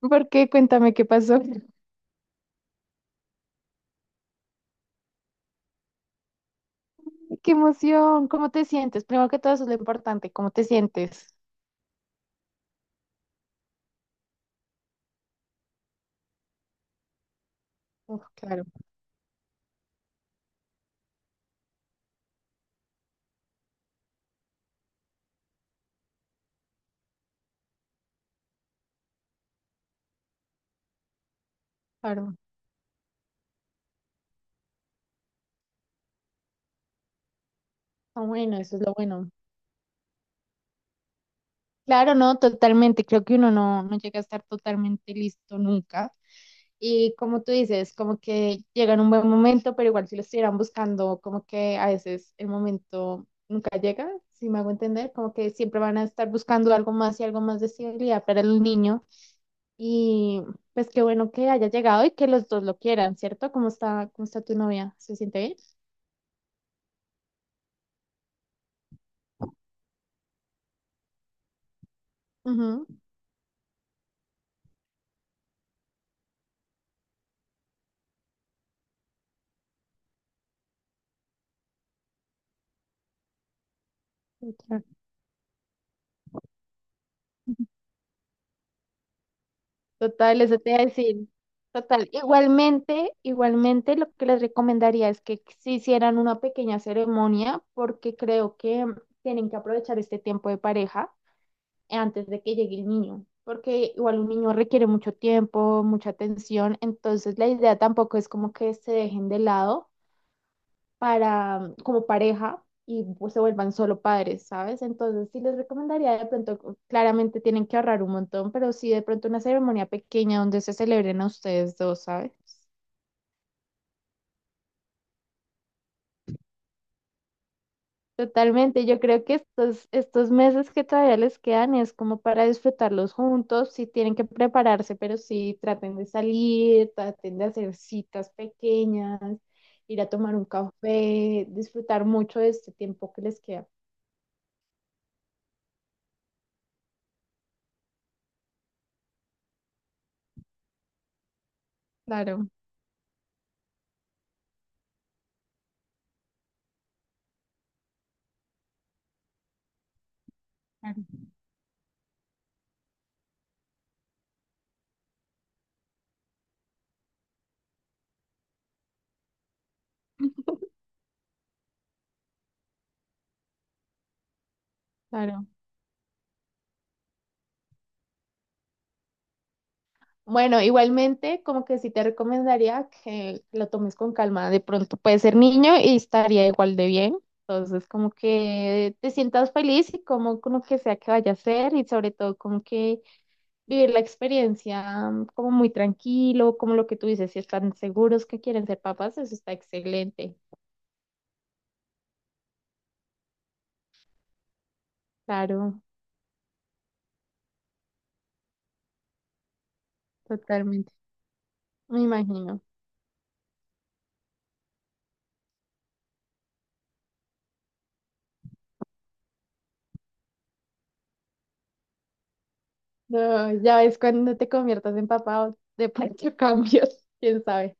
¿Por qué? Cuéntame qué pasó. ¡Qué emoción! ¿Cómo te sientes? Primero que todo, eso es lo importante. ¿Cómo te sientes? Uf, claro, claro. Está bueno, eso es lo bueno. Claro, no, totalmente. Creo que uno no llega a estar totalmente listo nunca. Y como tú dices, como que llega en un buen momento, pero igual si lo estuvieran buscando, como que a veces el momento nunca llega, si me hago entender, como que siempre van a estar buscando algo más y algo más de estabilidad para el niño. Y pues qué bueno que haya llegado y que los dos lo quieran, ¿cierto? Cómo está tu novia? ¿Se siente bien? Ujú, sí, claro. Total, eso te iba a decir. Total. Igualmente, igualmente lo que les recomendaría es que se hicieran una pequeña ceremonia porque creo que tienen que aprovechar este tiempo de pareja antes de que llegue el niño, porque igual un niño requiere mucho tiempo, mucha atención, entonces la idea tampoco es como que se dejen de lado para como pareja y pues, se vuelvan solo padres, ¿sabes? Entonces sí les recomendaría de pronto, claramente tienen que ahorrar un montón, pero sí de pronto una ceremonia pequeña donde se celebren a ustedes dos, ¿sabes? Totalmente, yo creo que estos, estos meses que todavía les quedan es como para disfrutarlos juntos, sí tienen que prepararse, pero sí traten de salir, traten de hacer citas pequeñas, ir a tomar un café, disfrutar mucho de este tiempo que les queda. Claro, claro, claro. Bueno, igualmente, como que sí te recomendaría que lo tomes con calma. De pronto puedes ser niño y estaría igual de bien. Entonces, como que te sientas feliz y como con lo que sea que vaya a ser y sobre todo como que vivir la experiencia como muy tranquilo, como lo que tú dices, si están seguros que quieren ser papás, eso está excelente. Claro, totalmente. Me imagino. No, ya ves cuando te conviertas en papá, o de pronto cambios, quién sabe.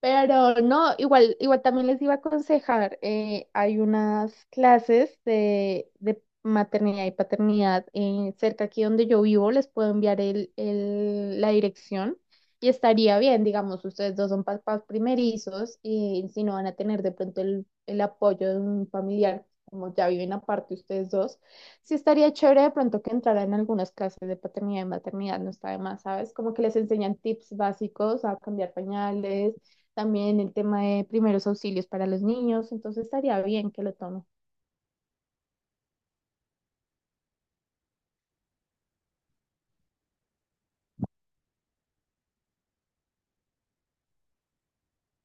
Pero no, igual, igual también les iba a aconsejar, hay unas clases de maternidad y paternidad cerca aquí donde yo vivo, les puedo enviar el, la dirección y estaría bien, digamos, ustedes dos son papás primerizos y si no van a tener de pronto el apoyo de un familiar, como ya viven aparte ustedes dos, sí estaría chévere de pronto que entraran en algunas clases de paternidad y maternidad, no está de más, ¿sabes? Como que les enseñan tips básicos a cambiar pañales también el tema de primeros auxilios para los niños, entonces estaría bien que lo tome.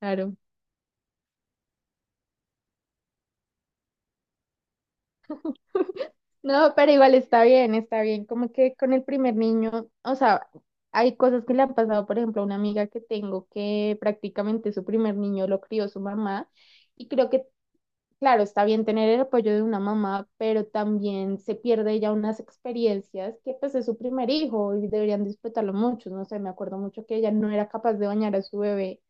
Claro. No, pero igual está bien, está bien. Como que con el primer niño, o sea, hay cosas que le han pasado, por ejemplo, a una amiga que tengo que prácticamente su primer niño lo crió su mamá y creo que, claro, está bien tener el apoyo de una mamá, pero también se pierde ya unas experiencias que pues es su primer hijo y deberían disfrutarlo mucho. No sé, me acuerdo mucho que ella no era capaz de bañar a su bebé.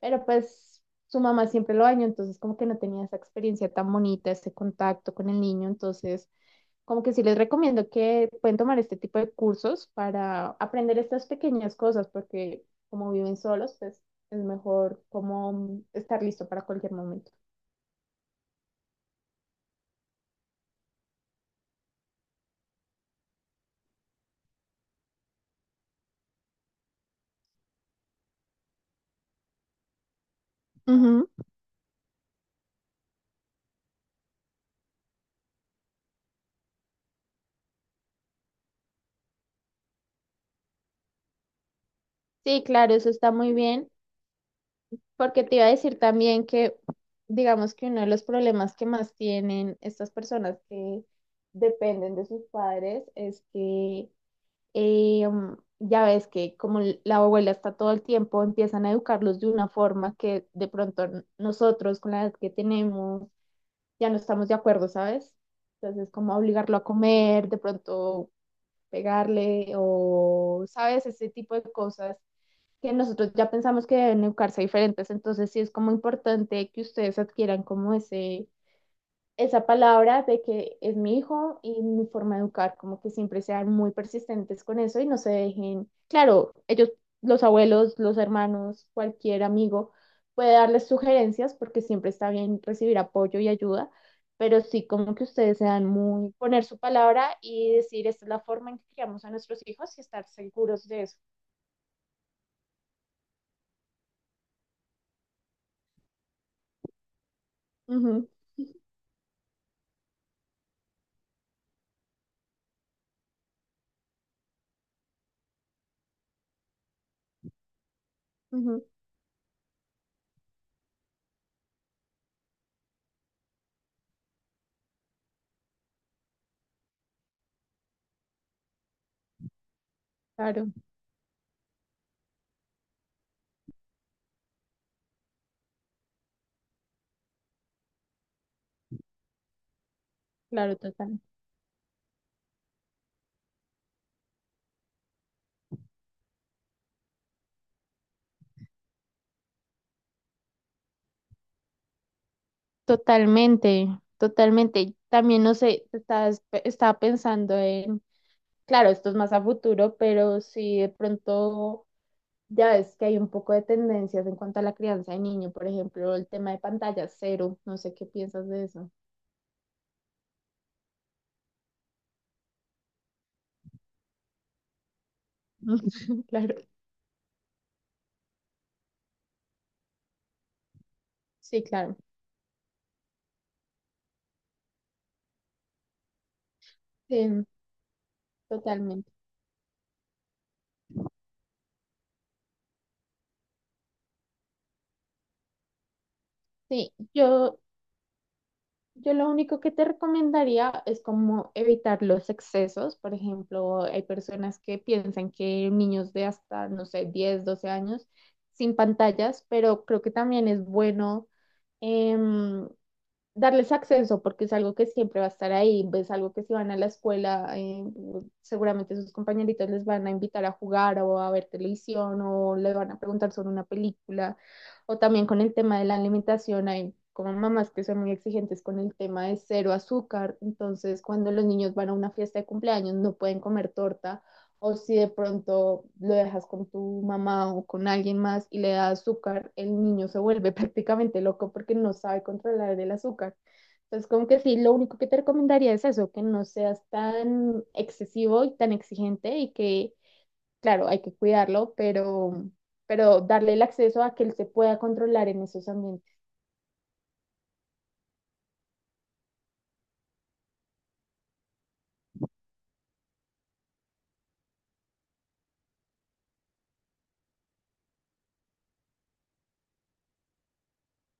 Pero pues su mamá siempre lo dañó, entonces como que no tenía esa experiencia tan bonita, ese contacto con el niño, entonces como que sí les recomiendo que pueden tomar este tipo de cursos para aprender estas pequeñas cosas, porque como viven solos, pues es mejor como estar listo para cualquier momento. Ujú. Sí, claro, eso está muy bien, porque te iba a decir también que, digamos que uno de los problemas que más tienen estas personas que dependen de sus padres es que ya ves que como la abuela está todo el tiempo, empiezan a educarlos de una forma que de pronto nosotros con la edad que tenemos ya no estamos de acuerdo, ¿sabes? Entonces, como obligarlo a comer, de pronto pegarle o, ¿sabes? Ese tipo de cosas que nosotros ya pensamos que deben educarse diferentes. Entonces, sí es como importante que ustedes adquieran como ese esa palabra de que es mi hijo y mi forma de educar, como que siempre sean muy persistentes con eso y no se dejen, claro, ellos, los abuelos, los hermanos, cualquier amigo puede darles sugerencias porque siempre está bien recibir apoyo y ayuda, pero sí como que ustedes sean muy, poner su palabra y decir, esta es la forma en que criamos a nuestros hijos y estar seguros de eso. Ujú, ujú, claro, claro, total. Totalmente, totalmente. También no sé, estás, estaba pensando en, claro, esto es más a futuro, pero si de pronto ya ves que hay un poco de tendencias en cuanto a la crianza de niño, por ejemplo, el tema de pantalla cero, no sé qué piensas de eso. Claro, sí, claro, sí, totalmente. Sí. Yo lo único que te recomendaría es como evitar los excesos. Por ejemplo, hay personas que piensan que niños de hasta, no sé, 10 12 años sin pantallas, pero creo que también es bueno. em, Darles acceso porque es algo que siempre va a estar ahí, es algo que si van a la escuela, seguramente sus compañeritos les van a invitar a jugar o a ver televisión o le van a preguntar sobre una película o también con el tema de la alimentación hay como mamás que son muy exigentes con el tema de cero azúcar, entonces cuando los niños van a una fiesta de cumpleaños no pueden comer torta o si de pronto lo dejas con tu mamá o con alguien más y le das azúcar, el niño se vuelve prácticamente loco porque no sabe controlar el azúcar. Entonces, como que sí, lo único que te recomendaría es eso, que no seas tan excesivo y tan exigente y que, claro, hay que cuidarlo, pero darle el acceso a que él se pueda controlar en esos ambientes.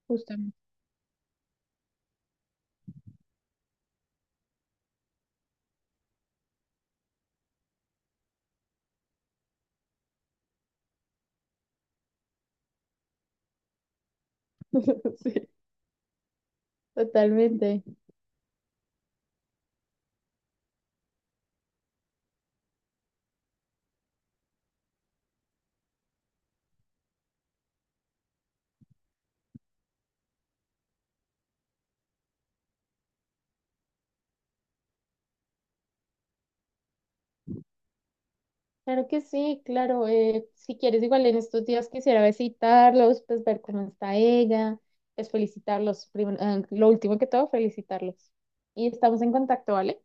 Justamente. Sí, totalmente. Claro que sí, claro. Si quieres, igual en estos días quisiera visitarlos, pues ver cómo está ella, pues felicitarlos, lo último que todo, felicitarlos. Y estamos en contacto, ¿vale?